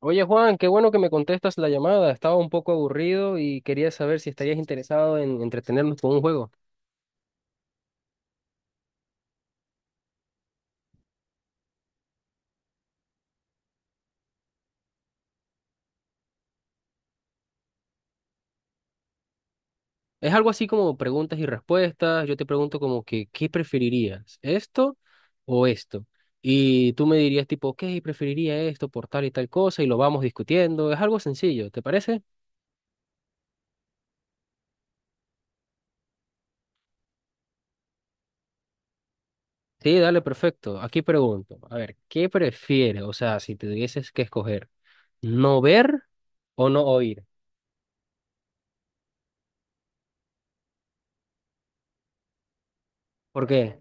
Oye Juan, qué bueno que me contestas la llamada. Estaba un poco aburrido y quería saber si estarías interesado en entretenernos con un juego. Es algo así como preguntas y respuestas. Yo te pregunto como que, ¿qué preferirías? ¿Esto o esto? Y tú me dirías tipo, ok, preferiría esto por tal y tal cosa y lo vamos discutiendo. Es algo sencillo, ¿te parece? Sí, dale, perfecto. Aquí pregunto, a ver, ¿qué prefieres? O sea, si te tuvieses que escoger, ¿no ver o no oír? ¿Por qué?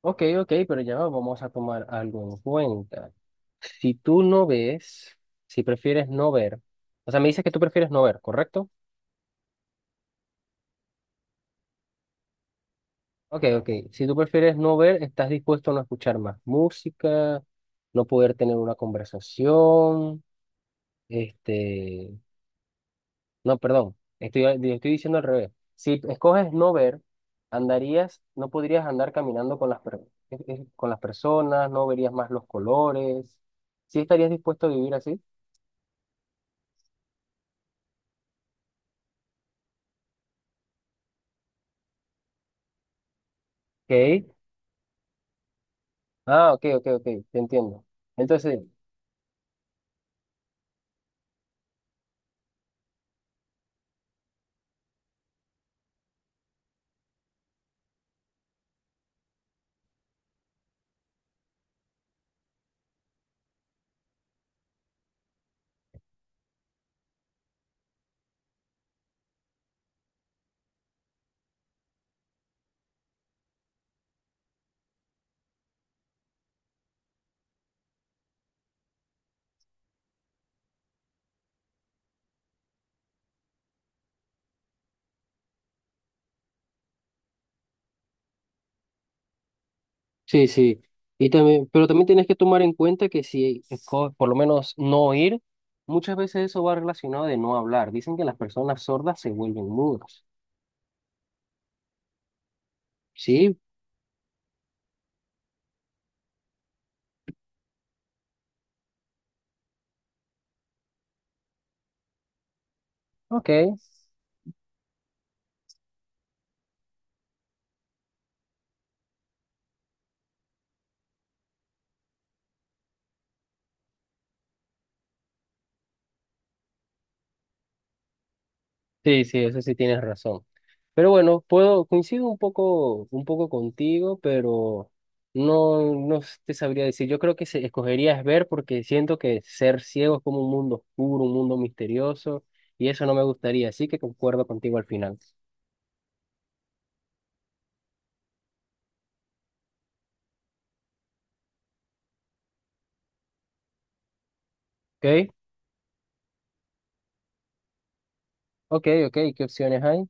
Ok, ok, pero ya vamos a tomar algo en cuenta. Si tú no ves, si prefieres no ver, o sea, me dices que tú prefieres no ver, ¿correcto? Ok, ok. Si tú prefieres no ver, estás dispuesto a no escuchar más música, no poder tener una conversación, este, no, perdón, estoy diciendo al revés. Si escoges no ver, no podrías andar caminando con con las personas, no verías más los colores. ¿Sí estarías dispuesto a vivir así? Ok. Ah, ok, ok, ok, te entiendo. Entonces, sí, sí. Y también, pero también tienes que tomar en cuenta que si por lo menos no oír, muchas veces eso va relacionado de no hablar. Dicen que las personas sordas se vuelven mudas. Sí, ok. Sí, sí, eso sí tienes razón. Pero bueno, puedo, coincido un poco contigo, pero no te sabría decir. Yo creo que escogería ver porque siento que ser ciego es como un mundo oscuro, un mundo misterioso, y eso no me gustaría, así que concuerdo contigo al final. ¿Ok? Ok, ok, ¿qué opciones hay?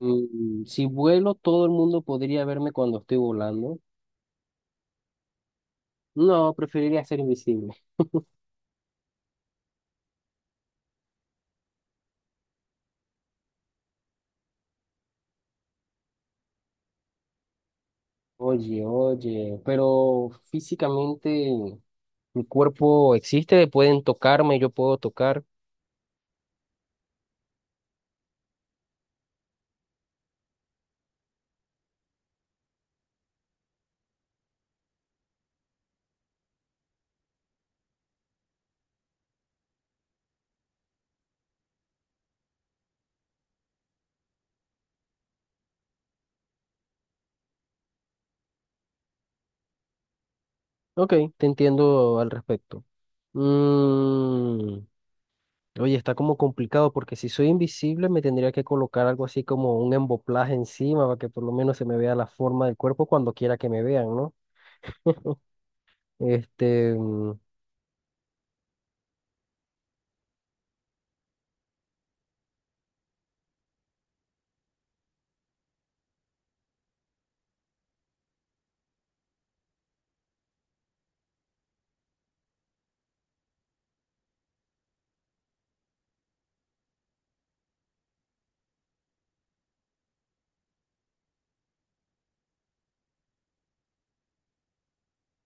Si vuelo, todo el mundo podría verme cuando estoy volando. No, preferiría ser invisible. Oye, oye, pero físicamente. Mi cuerpo existe, pueden tocarme, yo puedo tocar. Ok, te entiendo al respecto. Mm, oye, está como complicado porque si soy invisible me tendría que colocar algo así como un emboplaje encima para que por lo menos se me vea la forma del cuerpo cuando quiera que me vean, ¿no? Este, mm,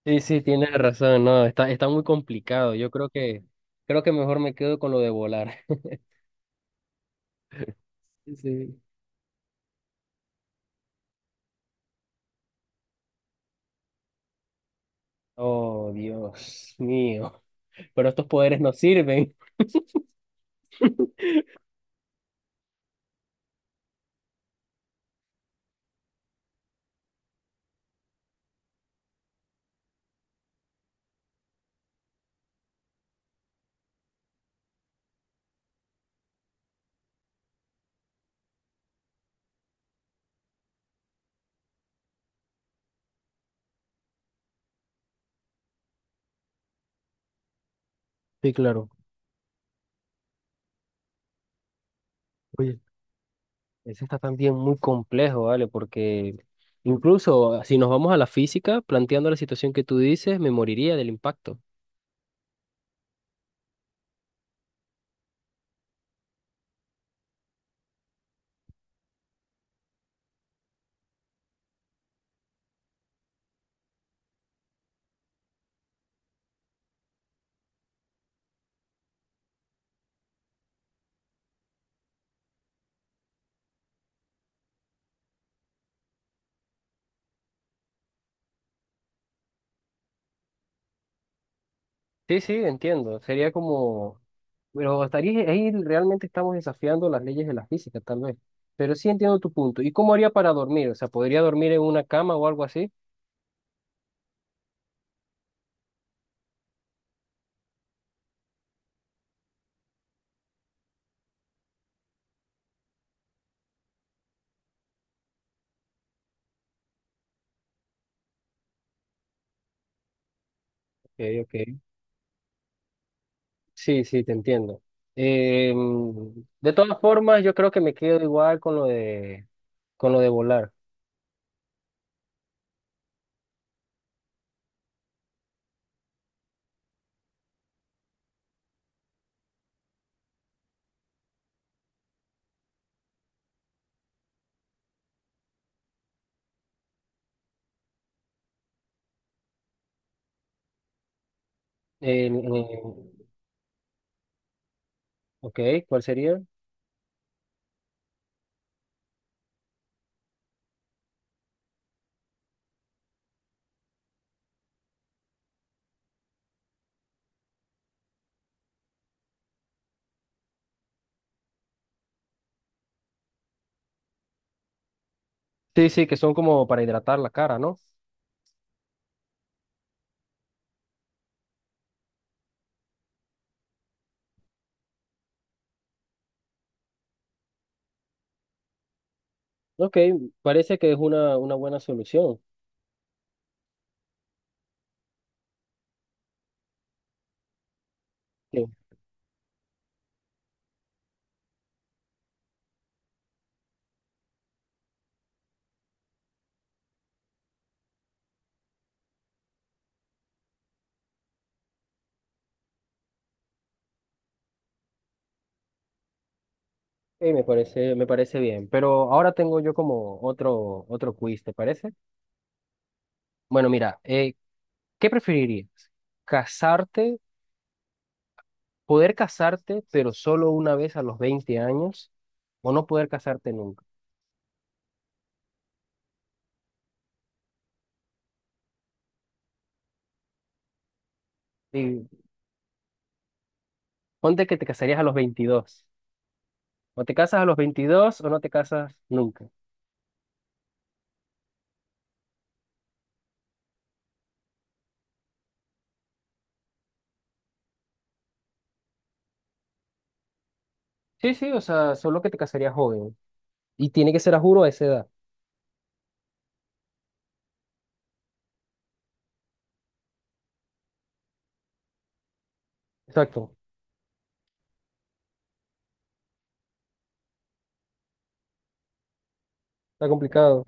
sí, sí, tienes razón, no, está, está muy complicado. Creo que mejor me quedo con lo de volar. Sí. Oh, Dios mío, pero estos poderes no sirven. Sí, claro. oye Ese está también muy complejo, ¿vale? Porque incluso si nos vamos a la física, planteando la situación que tú dices, me moriría del impacto. Sí, sí, entiendo. Pero estaría ahí realmente estamos desafiando las leyes de la física, tal vez. Pero sí entiendo tu punto. ¿Y cómo haría para dormir? O sea, ¿podría dormir en una cama o algo así? Ok, ok. Sí, sí, te entiendo. De todas formas, yo creo que me quedo igual con lo de volar. En- en- ok, ¿cuál sería? Sí, sí, que son como para hidratar la cara, ¿no? Ok, parece que es una buena solución. Sí, sí, me parece bien. Pero ahora tengo yo como otro quiz, ¿te parece? Bueno, mira, ¿qué preferirías? ¿Casarte, poder casarte, pero solo una vez a los 20 años, o no poder casarte nunca? Y ponte que te casarías a los 22. O te casas a los 22 o no te casas nunca. Sí, sí, o sea, solo que te casarías joven. Y tiene que ser a juro a esa edad. Exacto, está complicado.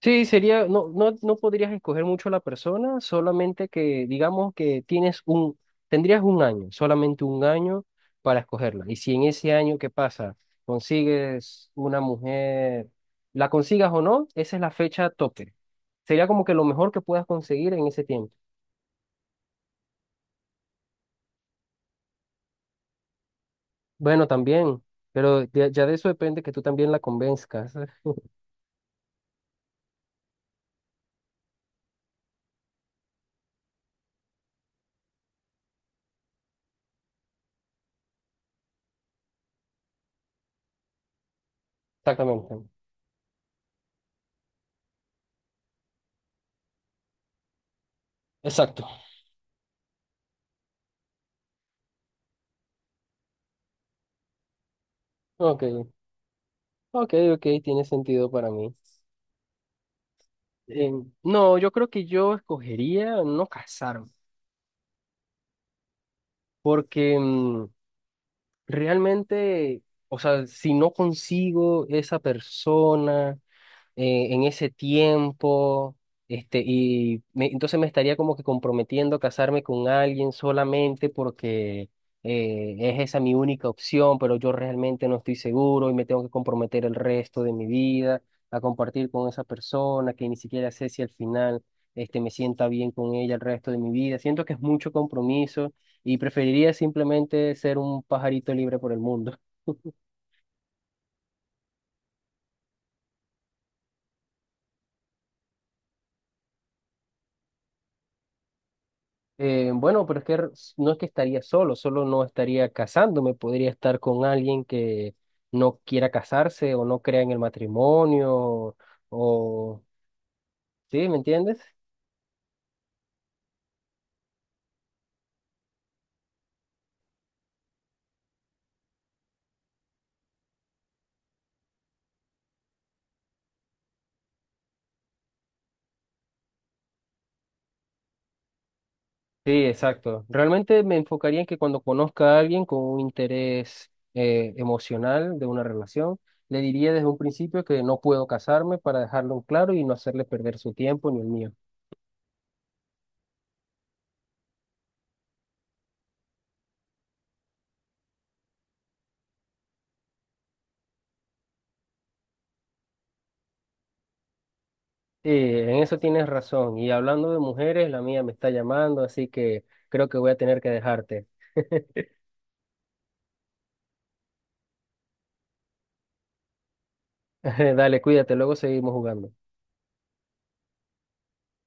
Sí, sería, no, no, no podrías escoger mucho la persona, solamente que digamos que tendrías un año, solamente un año para escogerla. Y si en ese año que pasa consigues una mujer, la consigas o no, esa es la fecha tope. Sería como que lo mejor que puedas conseguir en ese tiempo. Bueno, también, pero ya de eso depende que tú también la convenzcas. Exactamente. Exacto. Ok, ok, ok, tiene sentido para mí. Eh, no, yo creo que yo escogería no casarme, porque realmente, o sea, si no consigo esa persona, en ese tiempo, entonces me estaría como que comprometiendo a casarme con alguien solamente porque es esa mi única opción, pero yo realmente no estoy seguro y me tengo que comprometer el resto de mi vida a compartir con esa persona que ni siquiera sé si al final me sienta bien con ella el resto de mi vida. Siento que es mucho compromiso y preferiría simplemente ser un pajarito libre por el mundo. Bueno, pero es que no es que estaría solo, solo no estaría casándome, podría estar con alguien que no quiera casarse o no crea en el matrimonio o... ¿Sí? ¿Me entiendes? Sí, exacto. Realmente me enfocaría en que cuando conozca a alguien con un interés emocional de una relación, le diría desde un principio que no puedo casarme para dejarlo en claro y no hacerle perder su tiempo ni el mío. Sí, en eso tienes razón. Y hablando de mujeres, la mía me está llamando, así que creo que voy a tener que dejarte. Dale, cuídate, luego seguimos jugando.